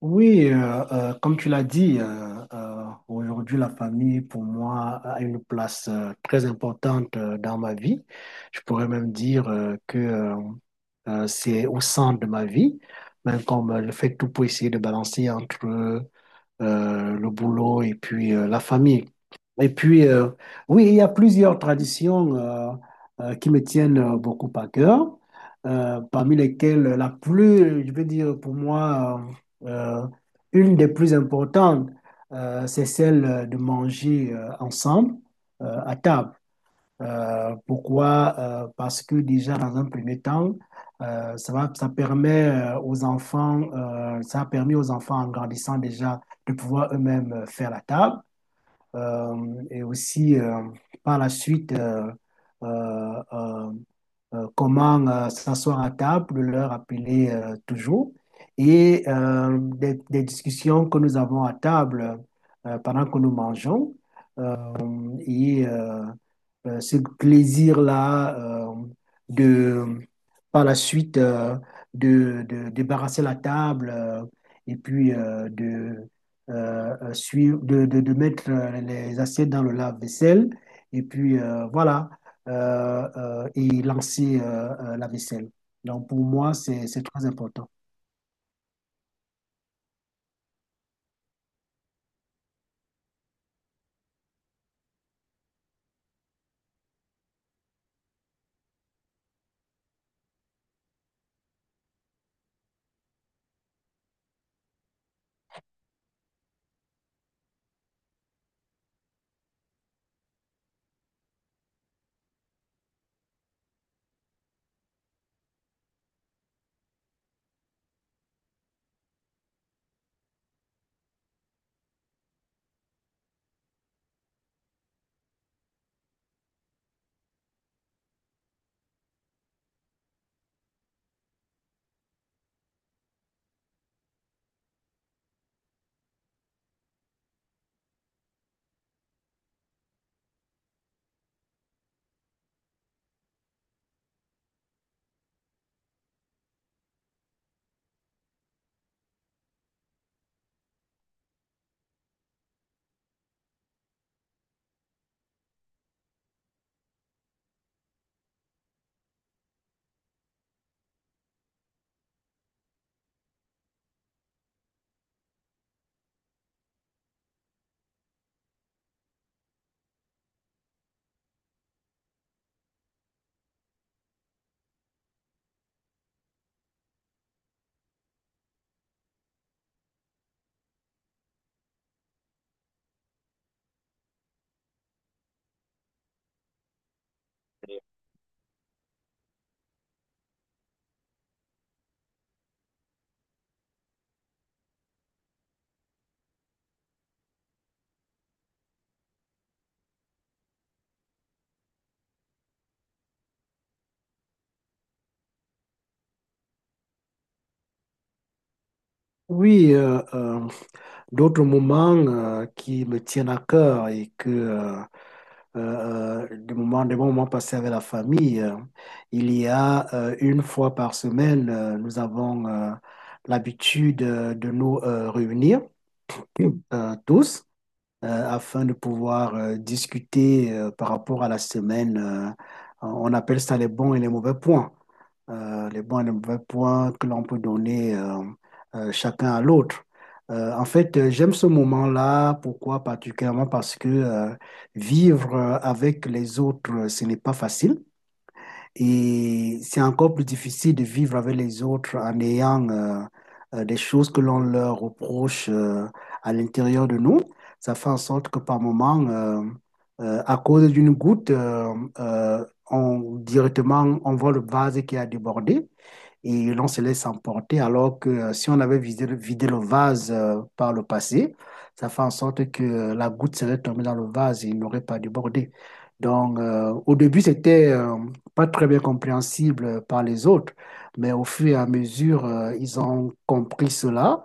Oui, comme tu l'as dit, aujourd'hui, la famille, pour moi, a une place très importante dans ma vie. Je pourrais même dire que c'est au centre de ma vie, même comme je fais tout pour essayer de balancer entre le boulot et puis la famille. Et puis, oui, il y a plusieurs traditions qui me tiennent beaucoup à cœur, parmi lesquelles la plus, je veux dire, pour moi, euh, euh, une des plus importantes, c'est celle de manger ensemble à table. Pourquoi? Parce que déjà, dans un premier temps, ça permet ça a permis aux enfants en grandissant déjà de pouvoir eux-mêmes faire la table. Et aussi, par la suite, euh, euh, comment s'asseoir à table, de leur appeler toujours. Et des discussions que nous avons à table pendant que nous mangeons. Euh, et euh, ce plaisir-là euh, de, par la suite, de débarrasser la table et puis suivre, de mettre les assiettes dans le lave-vaisselle et puis voilà, et lancer la vaisselle. Donc pour moi, c'est très important. Oui, d'autres moments qui me tiennent à cœur et que des moments, des bons moments passés avec la famille. Il y a une fois par semaine, nous avons l'habitude de nous réunir tous afin de pouvoir discuter par rapport à la semaine. On appelle ça les bons et les mauvais points. Les bons et les mauvais points que l'on peut donner chacun à l'autre. En fait, j'aime ce moment-là. Pourquoi particulièrement? Parce que vivre avec les autres, ce n'est pas facile. Et c'est encore plus difficile de vivre avec les autres en ayant des choses que l'on leur reproche à l'intérieur de nous. Ça fait en sorte que par moment, à cause d'une goutte, on, directement, on voit le vase qui a débordé et l'on se laisse emporter, alors que si on avait vidé le vase par le passé, ça fait en sorte que la goutte serait tombée dans le vase et il n'aurait pas débordé. Donc, au début, c'était pas très bien compréhensible par les autres, mais au fur et à mesure, ils ont compris cela,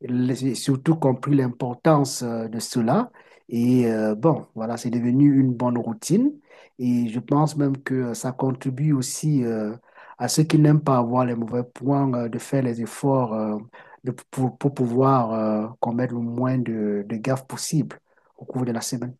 et surtout compris l'importance de cela. Et bon, voilà, c'est devenu une bonne routine. Et je pense même que ça contribue aussi à ceux qui n'aiment pas avoir les mauvais points de faire les efforts pour pouvoir commettre le moins de gaffes possible au cours de la semaine.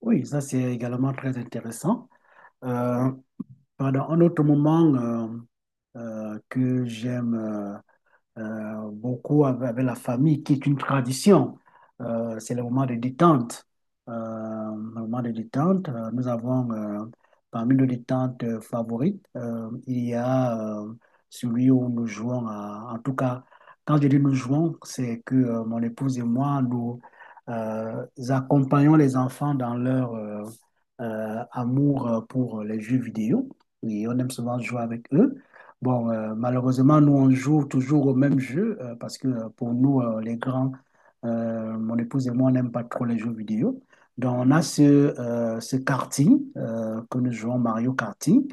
Oui, ça c'est également très intéressant. Euh, Pendant un autre moment que j'aime beaucoup avec, avec la famille, qui est une tradition. C'est le moment de détente. Le moment de détente, nous avons parmi nos détentes favorites, il y a celui où nous jouons, en tout cas, quand je dis nous jouons, c'est que mon épouse et moi, nous euh, accompagnons les enfants dans leur amour pour les jeux vidéo. Et on aime souvent jouer avec eux. Bon, malheureusement, nous, on joue toujours au même jeu parce que pour nous, les grands, mon épouse et moi, on n'aime pas trop les jeux vidéo. Donc, on a ce, ce karting que nous jouons, Mario Karting,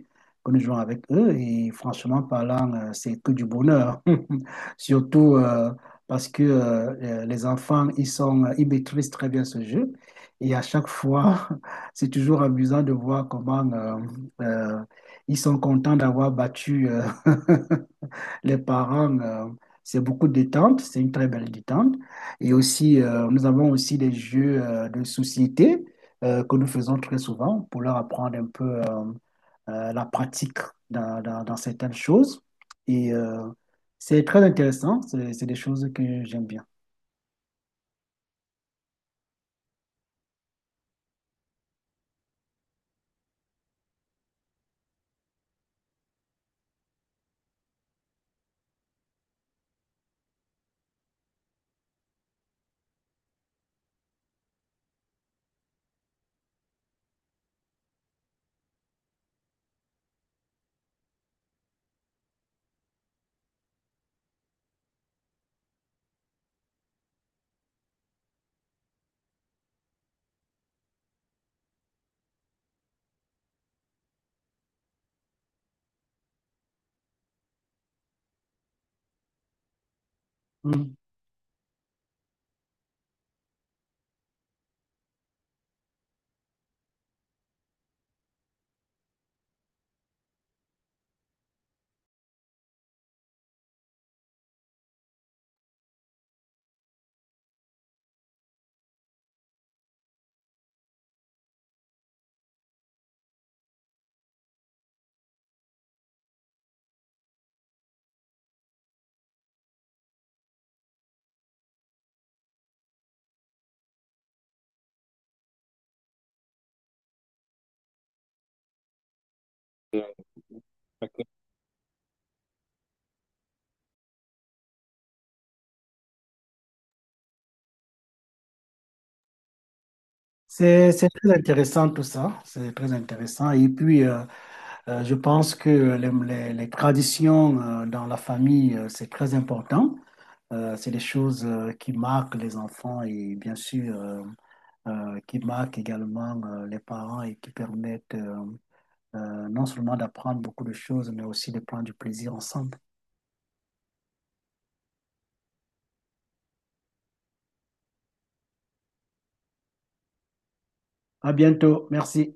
que nous jouons avec eux. Et franchement parlant, c'est que du bonheur. Surtout parce que les enfants, ils sont, ils maîtrisent très bien ce jeu. Et à chaque fois, c'est toujours amusant de voir comment euh, ils sont contents d'avoir battu. Les parents, c'est beaucoup de détente, c'est une très belle détente. Et aussi, nous avons aussi des jeux de société que nous faisons très souvent pour leur apprendre un peu la pratique dans certaines choses. Et c'est très intéressant, c'est des choses que j'aime bien. Mmh. C'est très intéressant tout ça, c'est très intéressant. Et puis, je pense que les traditions dans la famille, c'est très important. C'est des choses qui marquent les enfants et bien sûr qui marquent également les parents et qui permettent non seulement d'apprendre beaucoup de choses, mais aussi de prendre du plaisir ensemble. À bientôt, merci.